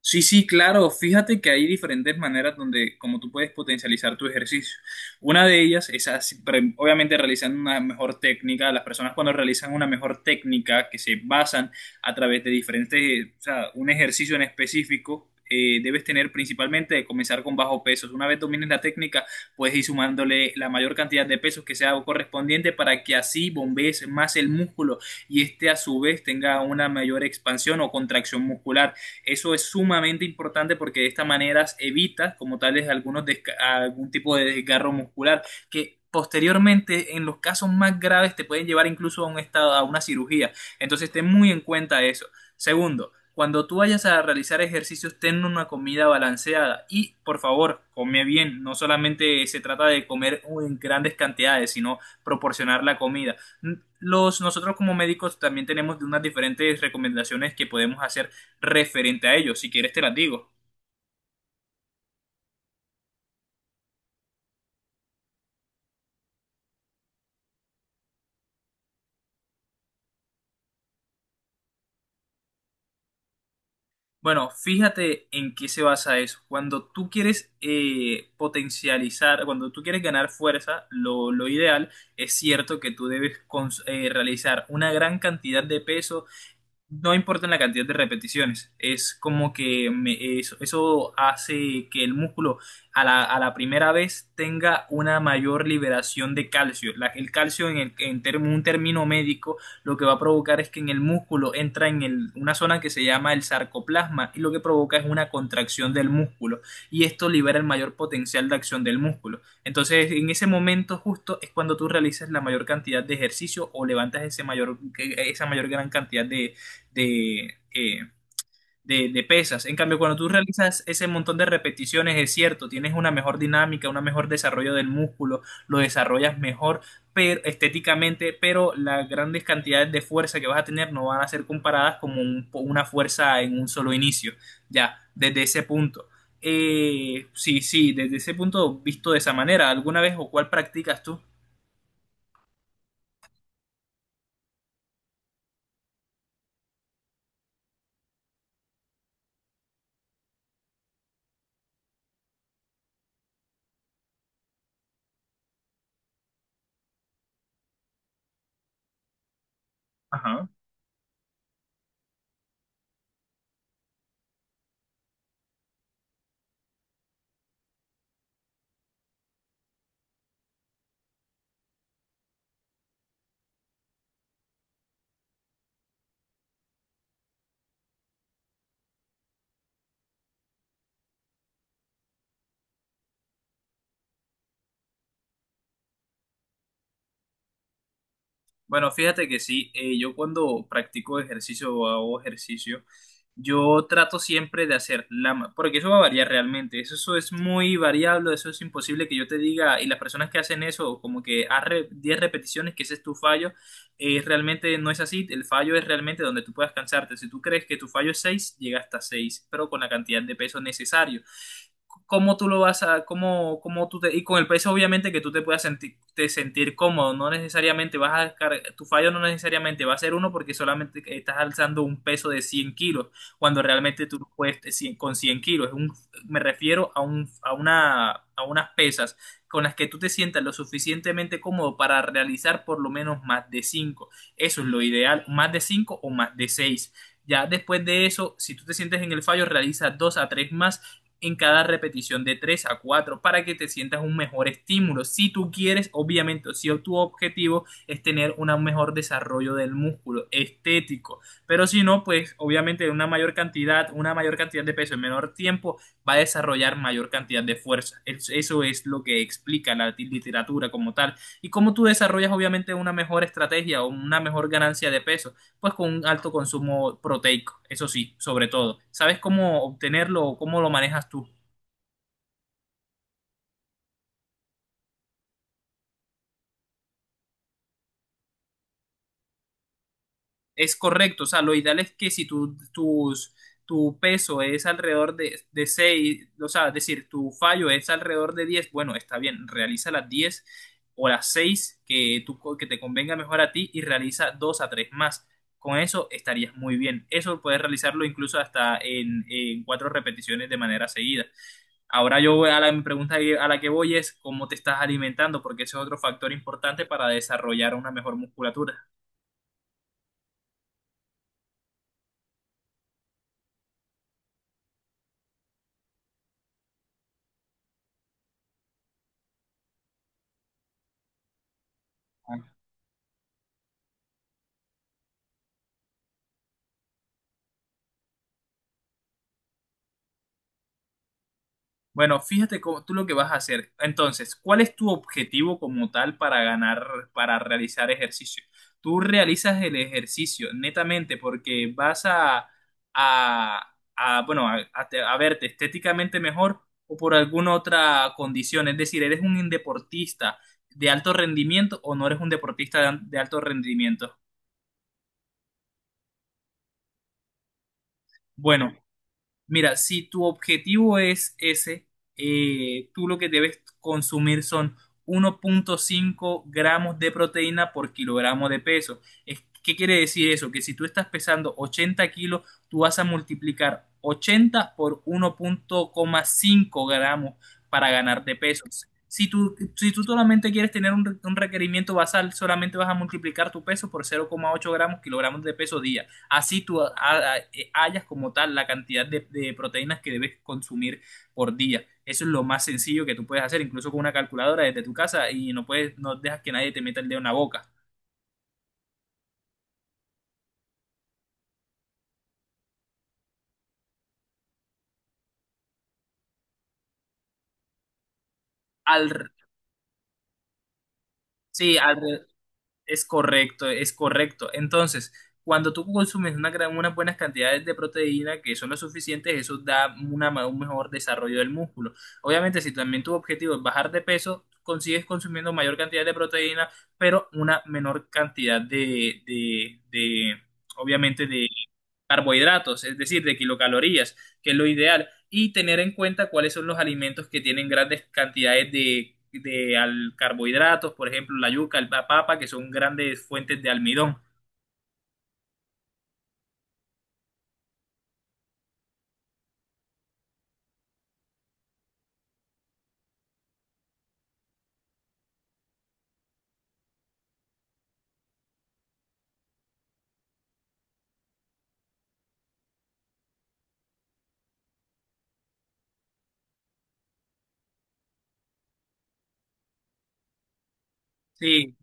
Sí, sí, claro. Fíjate que hay diferentes maneras donde, como tú puedes potencializar tu ejercicio. Una de ellas es así, obviamente realizando una mejor técnica. Las personas cuando realizan una mejor técnica que se basan a través de diferentes, o sea, un ejercicio en específico, debes tener principalmente de comenzar con bajo pesos. Una vez domines la técnica, puedes ir sumándole la mayor cantidad de pesos que sea correspondiente para que así bombees más el músculo y este a su vez tenga una mayor expansión o contracción muscular. Eso es sumamente importante porque de esta manera evitas como tales algunos algún tipo de desgarro muscular que posteriormente en los casos más graves te pueden llevar incluso a un estado, a una cirugía. Entonces ten muy en cuenta eso. Segundo, cuando tú vayas a realizar ejercicios, ten una comida balanceada y por favor, come bien. No solamente se trata de comer en grandes cantidades, sino proporcionar la comida. Nosotros como médicos también tenemos unas diferentes recomendaciones que podemos hacer referente a ello. Si quieres te las digo. Bueno, fíjate en qué se basa eso. Cuando tú quieres potencializar, cuando tú quieres ganar fuerza, lo ideal es cierto que tú debes realizar una gran cantidad de peso. No importa la cantidad de repeticiones, es como que eso, eso hace que el músculo a la primera vez tenga una mayor liberación de calcio. El calcio en un término médico lo que va a provocar es que en el músculo entra en una zona que se llama el sarcoplasma y lo que provoca es una contracción del músculo y esto libera el mayor potencial de acción del músculo. Entonces, en ese momento justo es cuando tú realizas la mayor cantidad de ejercicio o levantas ese mayor, esa mayor gran cantidad de de, eh, de pesas. En cambio, cuando tú realizas ese montón de repeticiones, es cierto, tienes una mejor dinámica, un mejor desarrollo del músculo, lo desarrollas mejor, pero estéticamente, pero las grandes cantidades de fuerza que vas a tener no van a ser comparadas como una fuerza en un solo inicio, ya, desde ese punto. Sí, sí, desde ese punto visto de esa manera, ¿alguna vez o cuál practicas tú? Ajá. Bueno, fíjate que sí, yo cuando practico ejercicio o hago ejercicio, yo trato siempre de hacer la porque eso va a variar realmente, eso es muy variable, eso es imposible que yo te diga, y las personas que hacen eso, como que haz 10 repeticiones, que ese es tu fallo, realmente no es así, el fallo es realmente donde tú puedas cansarte, si tú crees que tu fallo es 6, llega hasta 6, pero con la cantidad de peso necesario. Cómo tú lo vas a, cómo, y con el peso obviamente que tú te puedas sentir, te sentir cómodo, no necesariamente vas a descargar, tu fallo no necesariamente va a ser uno porque solamente estás alzando un peso de 100 kilos, cuando realmente tú no puedes de 100 con 100 kilos. Me refiero a unas pesas con las que tú te sientas lo suficientemente cómodo para realizar por lo menos más de cinco, eso es lo ideal, más de 5 o más de seis. Ya después de eso, si tú te sientes en el fallo, realiza dos a tres más en cada repetición, de 3 a 4 para que te sientas un mejor estímulo. Si tú quieres, obviamente, o si tu objetivo es tener un mejor desarrollo del músculo estético, pero si no, pues obviamente una mayor cantidad de peso en menor tiempo va a desarrollar mayor cantidad de fuerza. Eso es lo que explica la literatura como tal y cómo tú desarrollas obviamente una mejor estrategia o una mejor ganancia de peso, pues con un alto consumo proteico, eso sí, sobre todo. ¿Sabes cómo obtenerlo o cómo lo manejas tú? Es correcto, o sea, lo ideal es que si tu peso es alrededor de seis, o sea, es decir, tu fallo es alrededor de diez, bueno, está bien, realiza las 10 o las 6 que tú, que te convenga mejor a ti, y realiza 2 a 3 más. Con eso estarías muy bien. Eso puedes realizarlo incluso hasta en 4 repeticiones de manera seguida. Ahora yo voy a la mi pregunta a la que voy es cómo te estás alimentando, porque ese es otro factor importante para desarrollar una mejor musculatura. Bueno, fíjate cómo, tú lo que vas a hacer. Entonces, ¿cuál es tu objetivo como tal para ganar, para realizar ejercicio? Tú realizas el ejercicio netamente porque vas a, bueno, a verte estéticamente mejor o por alguna otra condición. Es decir, ¿eres un deportista de alto rendimiento o no eres un deportista de alto rendimiento? Bueno, mira, si tu objetivo es ese, tú lo que debes consumir son 1.5 gramos de proteína por kilogramo de peso. ¿Qué quiere decir eso? Que si tú estás pesando 80 kilos, tú vas a multiplicar 80 por 1.5 gramos para ganar de peso. Si tú solamente quieres tener un, un requerimiento basal, solamente vas a multiplicar tu peso por 0,8 gramos, kilogramos de peso día, así tú hallas como tal la cantidad de proteínas que debes consumir por día. Eso es lo más sencillo que tú puedes hacer, incluso con una calculadora desde tu casa, y no puedes, no dejas que nadie te meta el dedo en la boca. Al, sí, al, Es correcto, es correcto. Entonces, cuando tú consumes una gran, unas buenas cantidades de proteína que son lo suficientes, eso da una, un mejor desarrollo del músculo. Obviamente, si también tu objetivo es bajar de peso, consigues consumiendo mayor cantidad de proteína, pero una menor cantidad de obviamente, de carbohidratos, es decir, de kilocalorías, que es lo ideal, y tener en cuenta cuáles son los alimentos que tienen grandes cantidades de carbohidratos, por ejemplo, la yuca, la papa, que son grandes fuentes de almidón. Sí,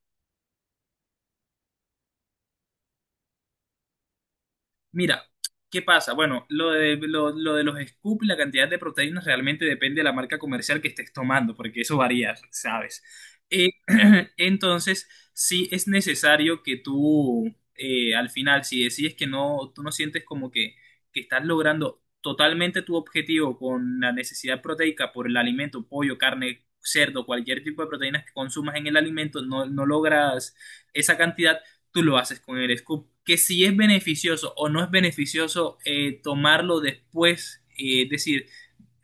mira, ¿qué pasa? Bueno, lo de, lo de los scoops, la cantidad de proteínas realmente depende de la marca comercial que estés tomando, porque eso varía, ¿sabes? Eh, entonces, sí es necesario que tú, al final, si decides que no, tú no sientes como que estás logrando totalmente tu objetivo con la necesidad proteica por el alimento, pollo, carne, cerdo, cualquier tipo de proteínas que consumas en el alimento, no, no logras esa cantidad, tú lo haces con el scoop. Que si es beneficioso o no es beneficioso tomarlo después, es decir,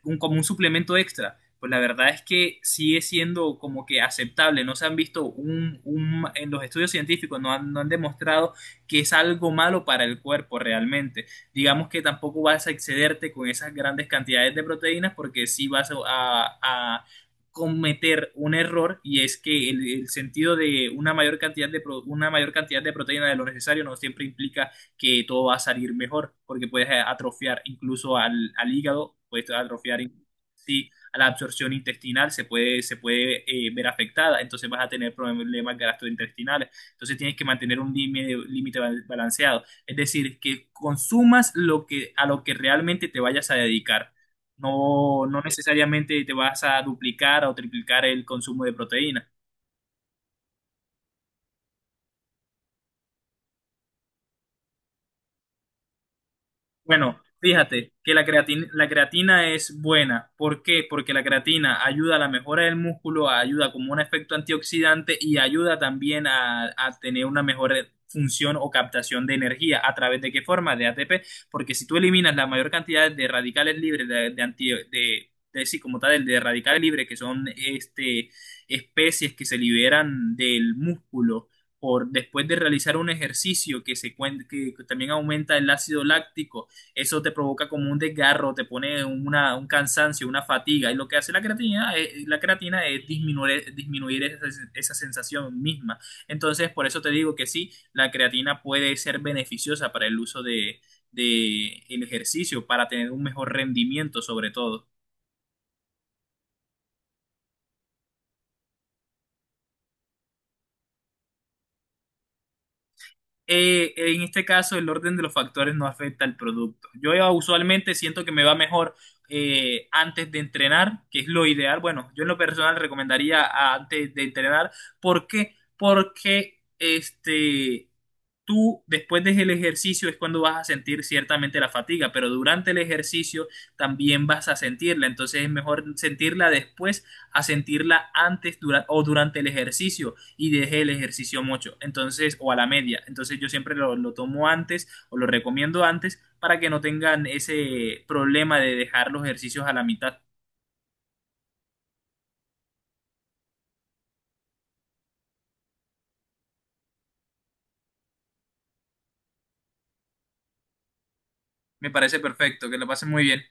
un, como un suplemento extra. Pues la verdad es que sigue siendo como que aceptable. No se han visto un en los estudios científicos, no han demostrado que es algo malo para el cuerpo realmente. Digamos que tampoco vas a excederte con esas grandes cantidades de proteínas, porque sí vas a, a cometer un error, y es que el sentido de una mayor cantidad una mayor cantidad de proteína de lo necesario no siempre implica que todo va a salir mejor, porque puedes atrofiar incluso al hígado, puedes atrofiar sí, a la absorción intestinal, se puede, se puede ver afectada, entonces vas a tener problemas gastrointestinales, entonces tienes que mantener un límite, límite balanceado, es decir, que consumas lo que, a lo que realmente te vayas a dedicar. No, no necesariamente te vas a duplicar o triplicar el consumo de proteínas. Bueno, fíjate que la creatina es buena. ¿Por qué? Porque la creatina ayuda a la mejora del músculo, ayuda como un efecto antioxidante y ayuda también a tener una mejor función o captación de energía. ¿A través de qué forma? De ATP. Porque si tú eliminas la mayor cantidad de radicales libres, de anti- de- sí, como tal, de radicales libres, que son este, especies que se liberan del músculo por después de realizar un ejercicio que también aumenta el ácido láctico, eso te provoca como un desgarro, te pone una, un cansancio, una fatiga. Y lo que hace la creatina es disminuir, disminuir esa, esa sensación misma. Entonces, por eso te digo que sí, la creatina puede ser beneficiosa para el uso de el ejercicio, para tener un mejor rendimiento sobre todo. En este caso el orden de los factores no afecta al producto. Yo usualmente siento que me va mejor antes de entrenar, que es lo ideal. Bueno, yo en lo personal recomendaría antes de entrenar. ¿Por qué? Porque este, tú después del ejercicio es cuando vas a sentir ciertamente la fatiga, pero durante el ejercicio también vas a sentirla, entonces es mejor sentirla después a sentirla antes o durante el ejercicio y deje el ejercicio mucho, entonces o a la media, entonces yo siempre lo tomo antes o lo recomiendo antes para que no tengan ese problema de dejar los ejercicios a la mitad. Me parece perfecto, que lo pasen muy bien.